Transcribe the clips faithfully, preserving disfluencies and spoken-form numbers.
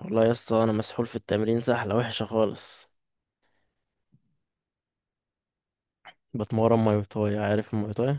والله يا اسطى انا مسحول في التمرين سحله وحشه خالص. بتمرن ماي تاي، عارف الماي تاي؟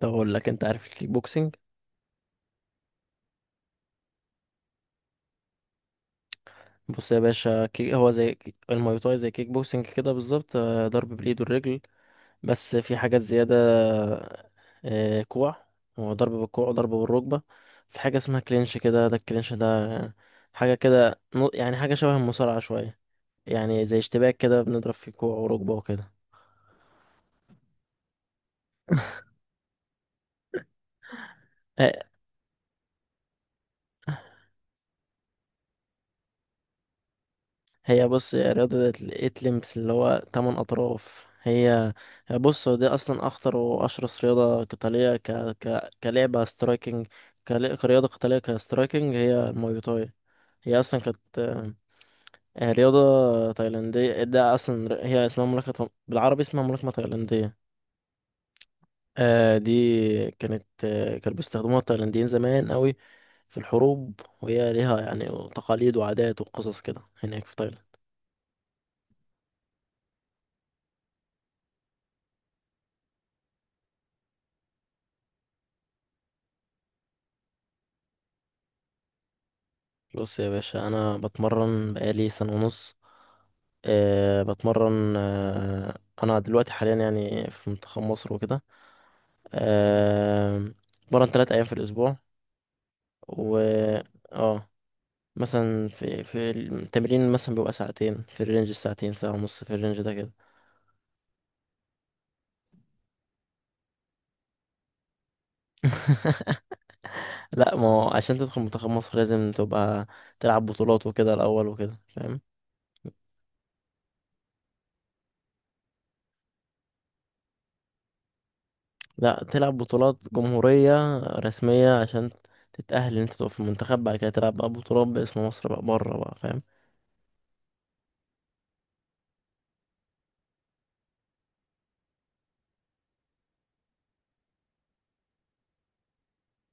طب اقول لك، انت عارف الكيك بوكسنج؟ بص يا باشا، كي... هو زي كي- الماي تاي زي كيك بوكسنج كده بالظبط، آه، ضرب بالايد والرجل. بس في حاجات زياده. آه، كوع. هو ضرب بالكوع وضرب بالركبه. في حاجه اسمها كلينش كده، ده الكلينش ده حاجه كده، نو- يعني حاجه شبه المصارعه شويه، يعني زي اشتباك كده بنضرب في كوع وركبه وكده. آه، هي بص، هي رياضة الإتلمس اللي هو تمن أطراف. هي هي بص، هو دي أصلا أخطر وأشرس رياضة قتالية، ك... ك... كلعبة سترايكنج، كل- كرياضة قتالية كسترايكنج هي المواي تاي. هي أصلا كانت آه، رياضة تايلاندية، ده أصلا ر- هي اسمها ملاكمة، بالعربي اسمها ملاكمة تايلاندية. آه دي كانت، آه كانوا بيستخدموها التايلانديين زمان قوي في الحروب، وهي ليها يعني تقاليد وعادات وقصص كده هناك في تايلاند. بص يا باشا، انا بتمرن بقالي سنة ونص. أه بتمرن، أه انا دلوقتي حاليا يعني في منتخب مصر وكده. أه. بتمرن تلات ايام في الاسبوع و اه مثلا في في التمرين مثلا بيبقى ساعتين في الرينج، الساعتين ساعة ونص في الرينج ده كده. لا، ما هو عشان تدخل منتخب مصر لازم تبقى تلعب بطولات وكده الاول وكده فاهم. لا، تلعب بطولات جمهورية رسمية عشان تتأهل ان انت تقف في المنتخب، بعد كده تلعب بقى بطولات باسم مصر بقى بره بقى فاهم.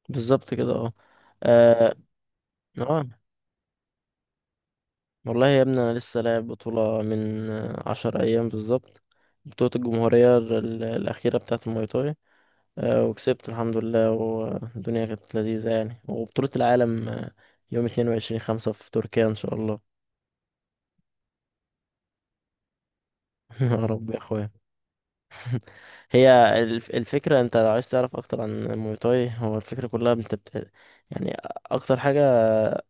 بالظبط كده، اه. اه. آه. والله يا ابني، انا لسه لاعب بطولة من آه، عشر ايام بالظبط، بطولة الجمهورية ال- الأخيرة بتاعة الماي تاي. آه، وكسبت الحمد لله، والدنيا كانت لذيذة يعني. وبطولة العالم آه، يوم اتنين وعشرين خمسة في تركيا إن شاء الله. يا رب يا أخويا. هي الف- الفكرة، انت لو عايز تعرف اكتر عن الموي تاي، هو الفكرة كلها انت بت... يعني اكتر حاجة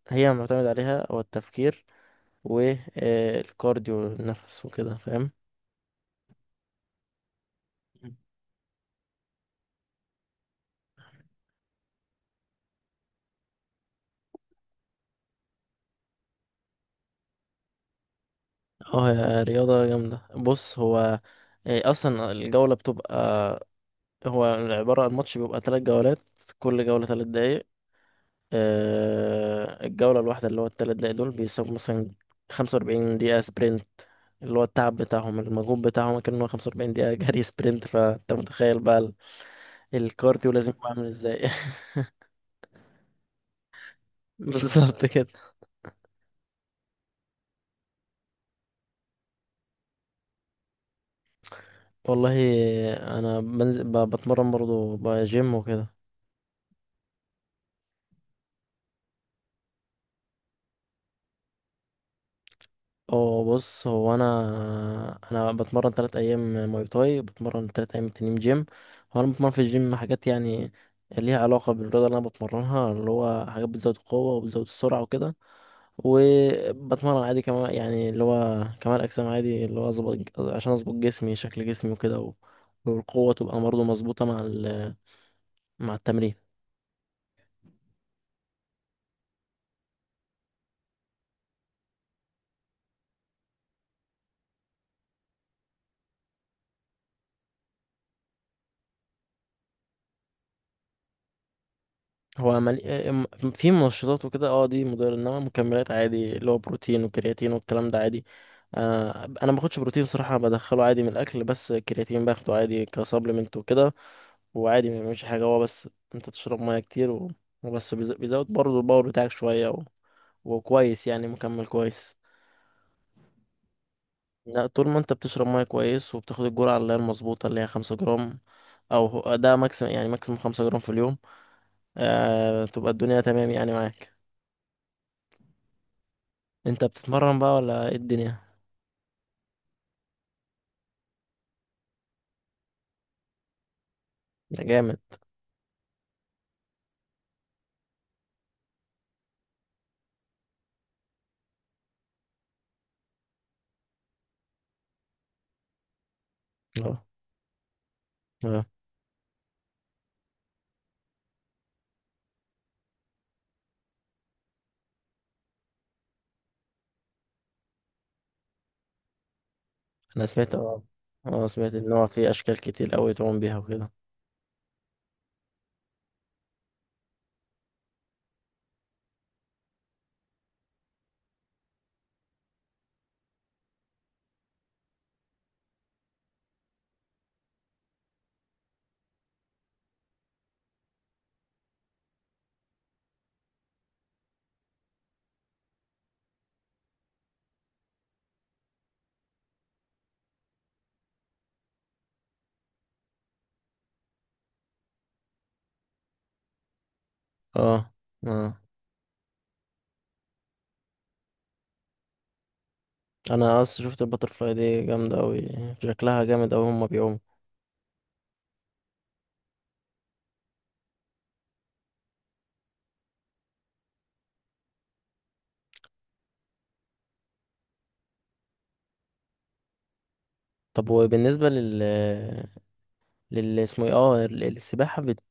هي معتمد عليها هو التفكير والكارديو، النفس وكده فاهم. اه، هي رياضة جامدة. بص، هو إيه، اصلا الجولة بتبقى، هو عبارة عن ماتش بيبقى تلات جولات، كل جولة تلات دقايق. آه، الجولة الواحدة اللي هو التلات دقايق دول بيساووا مثلا خمسة وأربعين دقيقة سبرنت، اللي هو التعب بتاعهم المجهود بتاعهم كان إن هو خمسة وأربعين دقيقة جري سبرنت. فأنت متخيل بقى ال- الكارديو لازم يبقى عامل ازاي. بالظبط كده. والله أنا بنزل، ب- بتمرن برضه بقى جيم وكده. اه، بص هو انا انا بتمرن تلات ايام ماي تاي، بتمرن تلات ايام تانيين جيم. هو انا بتمرن في الجيم حاجات يعني ليها علاقة بالرياضة اللي انا بتمرنها، اللي هو حاجات بتزود القوة وبتزود السرعة وكده. وبتمرن عادي كمان يعني، اللي هو كمال اجسام عادي، اللي هو اظبط عشان اظبط جسمي شكل جسمي وكده، و- والقوة تبقى برضه مظبوطة مع ال... مع التمرين. هو ملي... ام- في منشطات وكده، اه دي مضرة، انما مكملات عادي اللي هو بروتين وكرياتين والكلام ده عادي. آه، انا ما باخدش بروتين صراحة، بدخله عادي من الاكل، بس كرياتين باخده عادي كسبلمنت وكده. وعادي ما بيعملش حاجة، هو بس انت تشرب ميه كتير و... وبس بيز- بيزود برضه الباور بتاعك شوية و... وكويس يعني، مكمل كويس. لا، طول ما انت بتشرب ميه كويس وبتاخد الجرعة اللي هي المظبوطة اللي هي خمسة جرام، او هو- ده ماكسيمم، يعني ماكسيمم خمسة جرام في اليوم. آه... تبقى الدنيا تمام يعني معاك. انت بتتمرن بقى ولا ايه الدنيا؟ ده جامد، اه. اه. انا سمعت، اه. اه، سمعت ان هو في اشكال كتير قوي تعوم بيها وكده. اه. اه، انا اصلا شفت الباترفلاي دي جامده قوي، شكلها جامد قوي هما بيعوموا. طب وبالنسبه لل لل، اسمه ايه، اه ال- السباحه، بت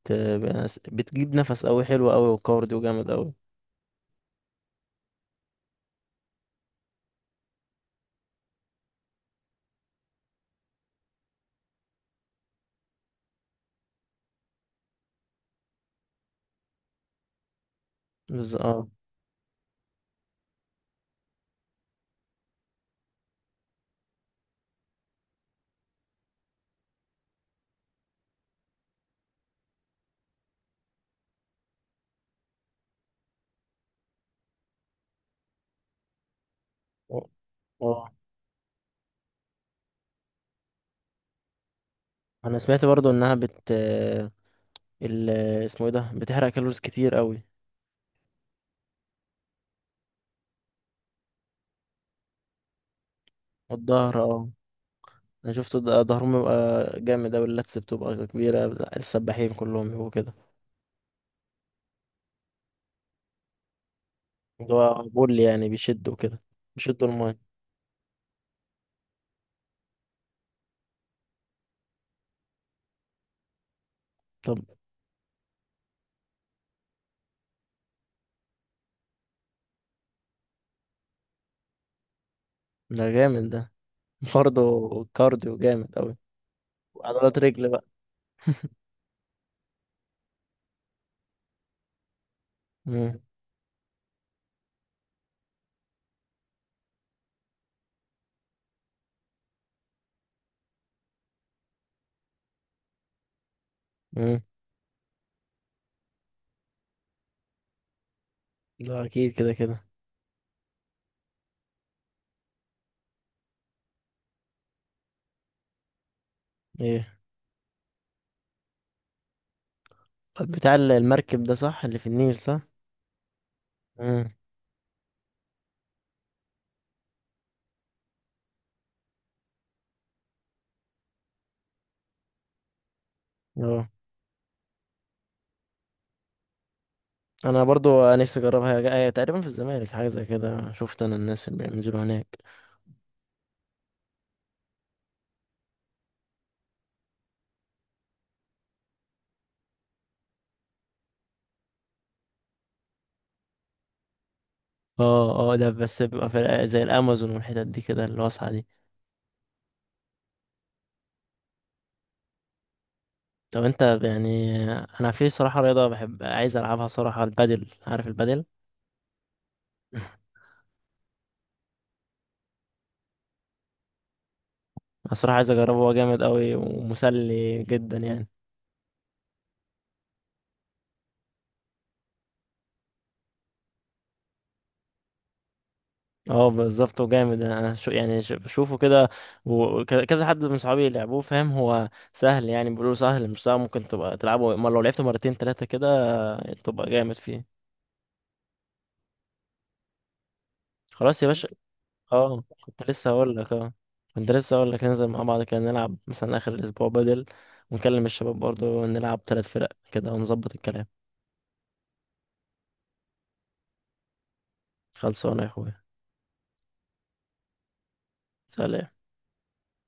بتجيب نفس قوي، حلو قوي وكارديو جامد قوي. بز... اه. اه، انا سمعت برضو انها بت ال، اسمه ايه ده، بتحرق كالوريز كتير قوي. الظهر، اه، انا شفت ده- ظهرهم بيبقى جامد اوي، اللتس بتبقى كبيرة، السباحين كلهم بيبقوا كده. اللي هو بول يعني، بيشدوا كده، بيشدوا الماية. طب ده جامد ده، برضه، كارديو جامد اوي، وعضلات رجل بقى. مم. مم. ده اكيد كده كده. ايه، بتاع ال- المركب ده صح، اللي في النيل صح؟ امم. اه، انا برضو نفسي اجربها، هي هي تقريبا في الزمالك حاجه زي كده، شفت انا الناس اللي بينزلوا هناك. اه. اه، ده بس بيبقى في زي الامازون والحتت دي كده الواسعه دي. طب انت يعني، انا في صراحه رياضه بحب عايز العبها صراحه، البادل، عارف البادل؟ انا صراحه عايز اجربه، هو جامد قوي ومسلي جدا يعني. اه بالظبط وجامد، انا شو يعني، ش- بشوفه كده، وكذا حد من صحابي لعبوه فاهم، هو سهل يعني، بيقولوا سهل مش صعب، ممكن تبقى تلعبه، اما لو لعبته مرتين تلاتة كده تبقى جامد فيه. خلاص يا باشا. اه، كنت لسه هقول لك، اه، كنت لسه هقول لك ننزل مع بعض كده نلعب مثلا اخر الاسبوع بدل، ونكلم الشباب برضه نلعب ثلاث فرق كده ونظبط الكلام. خلصانة يا اخويا. سلام.